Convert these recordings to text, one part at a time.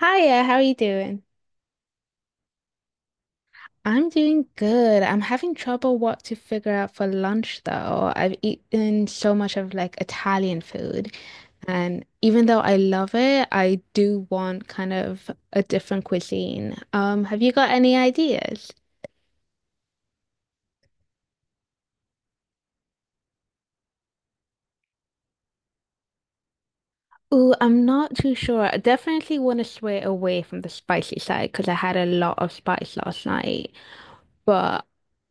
Hiya, how are you doing? I'm doing good. I'm having trouble what to figure out for lunch though. I've eaten so much of like Italian food, and even though I love it, I do want kind of a different cuisine. Have you got any ideas? Ooh, I'm not too sure. I definitely want to sway away from the spicy side because I had a lot of spice last night, but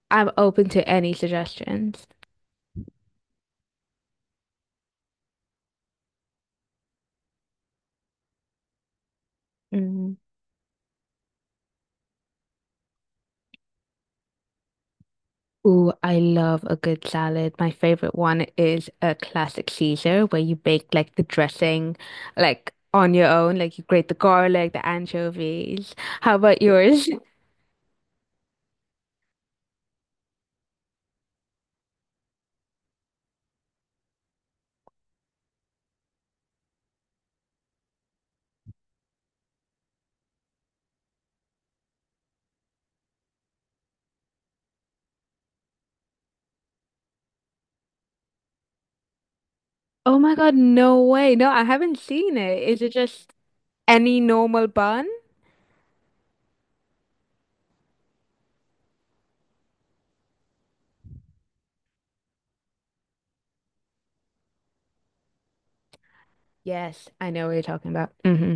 I'm open to any suggestions. Ooh, I love a good salad. My favorite one is a classic Caesar where you bake like the dressing like on your own, like you grate the garlic, the anchovies. How about yours? Oh my God, no way. No, I haven't seen it. Is it just any normal bun? Yes, I know what you're talking about. Hmm.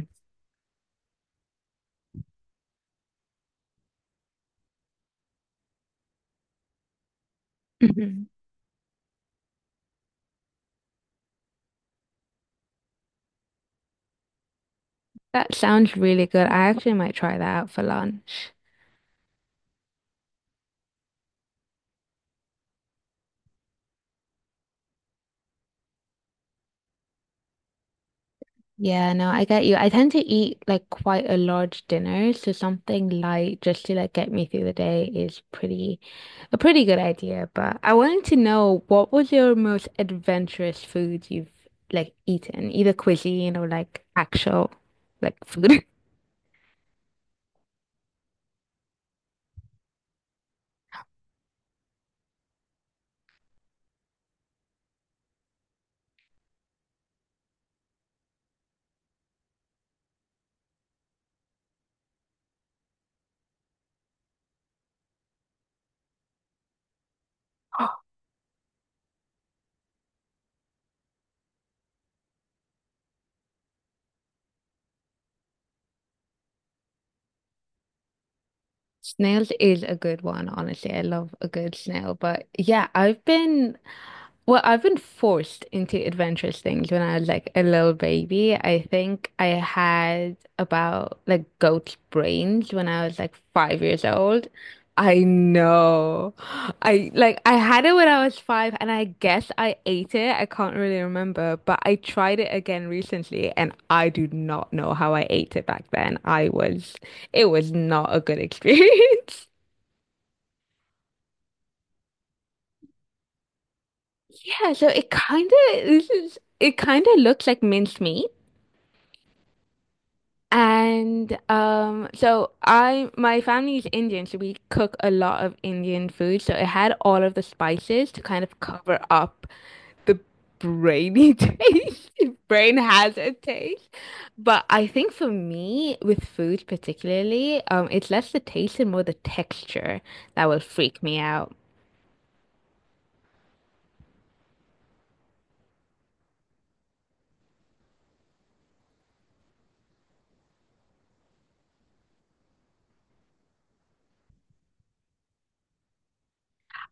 Hmm. That sounds really good. I actually might try that out for lunch. Yeah, no, I get you. I tend to eat like quite a large dinner, so something light just to like get me through the day is pretty a pretty good idea. But I wanted to know what was your most adventurous food you've like eaten, either cuisine or like actual like food. Snails is a good one, honestly. I love a good snail, but yeah, I've been Well, I've been forced into adventurous things when I was like a little baby. I think I had about like goat's brains when I was like 5 years old. I know. I had it when I was five and I guess I ate it. I can't really remember, but I tried it again recently and I do not know how I ate it back then. I was It was not a good experience. Yeah, so it kind of looks like minced meat. And my family is Indian, so we cook a lot of Indian food. So it had all of the spices to kind of cover up the brainy taste. If Brain has a taste. But I think for me, with food particularly, it's less the taste and more the texture that will freak me out.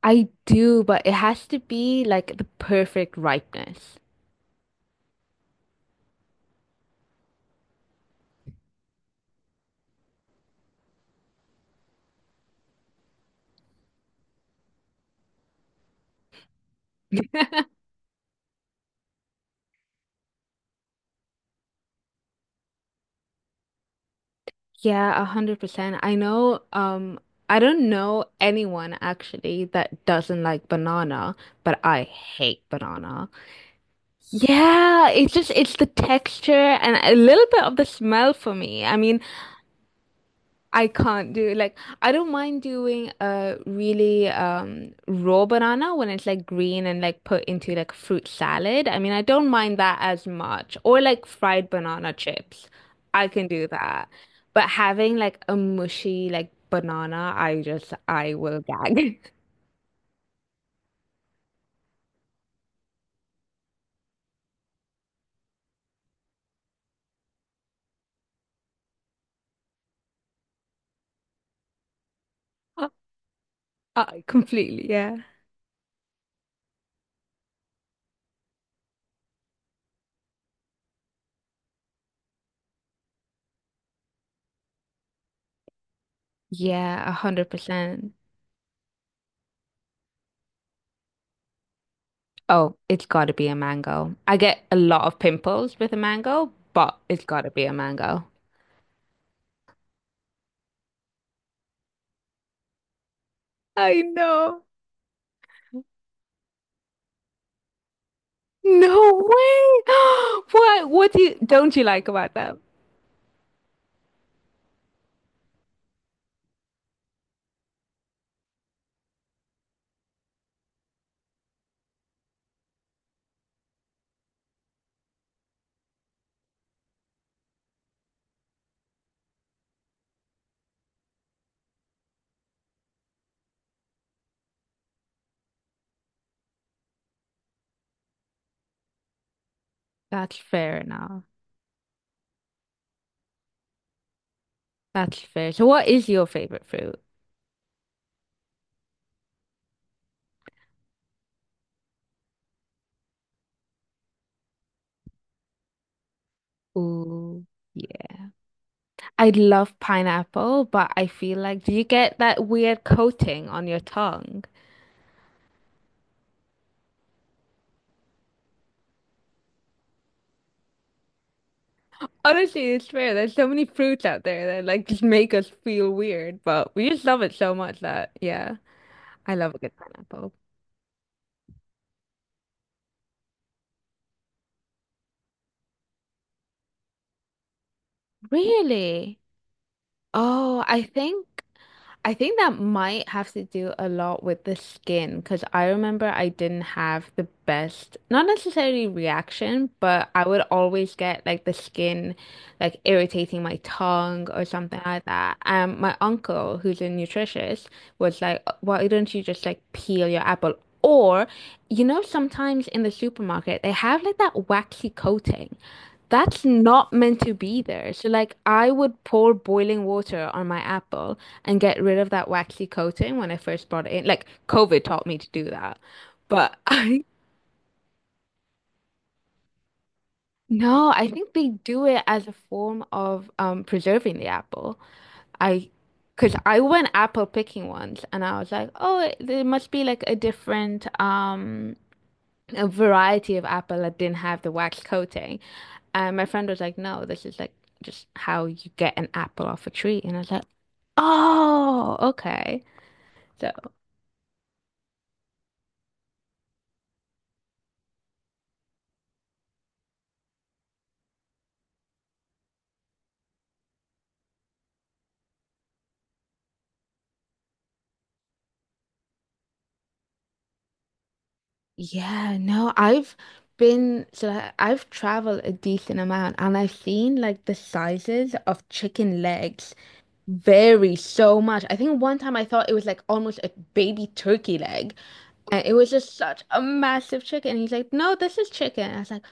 I do, but it has to be like the perfect ripeness. Yeah, 100%. I know, I don't know anyone actually that doesn't like banana, but I hate banana. Yeah, it's just it's the texture and a little bit of the smell for me. I mean, I can't do like I don't mind doing a really raw banana when it's like green and like put into like fruit salad. I mean, I don't mind that as much. Or like fried banana chips. I can do that. But having like a mushy like banana, I will gag. I completely, yeah. Yeah, 100%. Oh, it's gotta be a mango. I get a lot of pimples with a mango, but it's gotta be a mango. I know. No way. What do you don't you like about them? That's fair enough. That's fair. So what is your favorite fruit? Ooh, yeah. I love pineapple, but I feel like do you get that weird coating on your tongue? Honestly, it's fair. There's so many fruits out there that like just make us feel weird, but we just love it so much that yeah, I love a good pineapple. Really? Oh, I think. I think that might have to do a lot with the skin because I remember I didn't have the best, not necessarily reaction, but I would always get like the skin like irritating my tongue or something like that. And my uncle, who's a nutritionist, was like, why don't you just like peel your apple? Or, you know, sometimes in the supermarket, they have like that waxy coating. That's not meant to be there. So, like, I would pour boiling water on my apple and get rid of that waxy coating when I first brought it in. Like, COVID taught me to do that. But I, No, I think they do it as a form of preserving the apple. I, because I went apple picking once and I was like, oh, there must be like a different a variety of apple that didn't have the wax coating. And my friend was like, no, this is like just how you get an apple off a tree. And I was like, oh, okay. So yeah, no, I've been so I- I've traveled a decent amount and I've seen like the sizes of chicken legs vary so much. I think one time I thought it was like almost a baby turkey leg and it was just such a massive chicken. And he's like, no, this is chicken. I was like,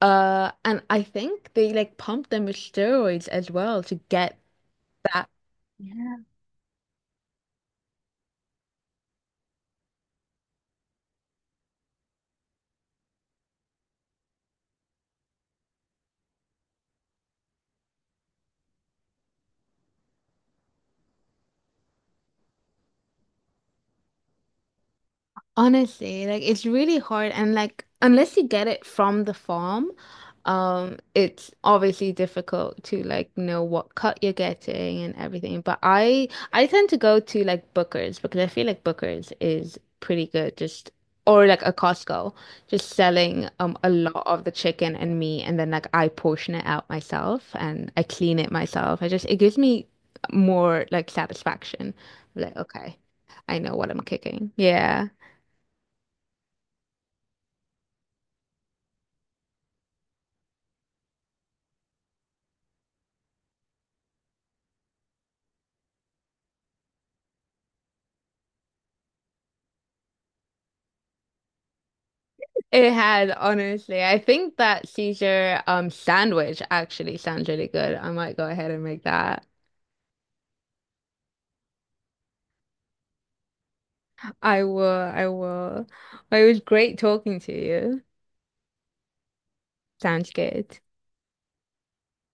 And I think they like pumped them with steroids as well to get that. Honestly, like it's really hard and like unless you get it from the farm, it's obviously difficult to like know what cut you're getting and everything. But I tend to go to like Booker's because I feel like Booker's is pretty good just or like a Costco, just selling a lot of the chicken and meat and then like I portion it out myself and I clean it myself. I just It gives me more like satisfaction. Like, okay, I know what I'm kicking. Yeah. It had, honestly. I think that Caesar sandwich actually sounds really good. I might go ahead and make that. I will. Well, it was great talking to you. Sounds good.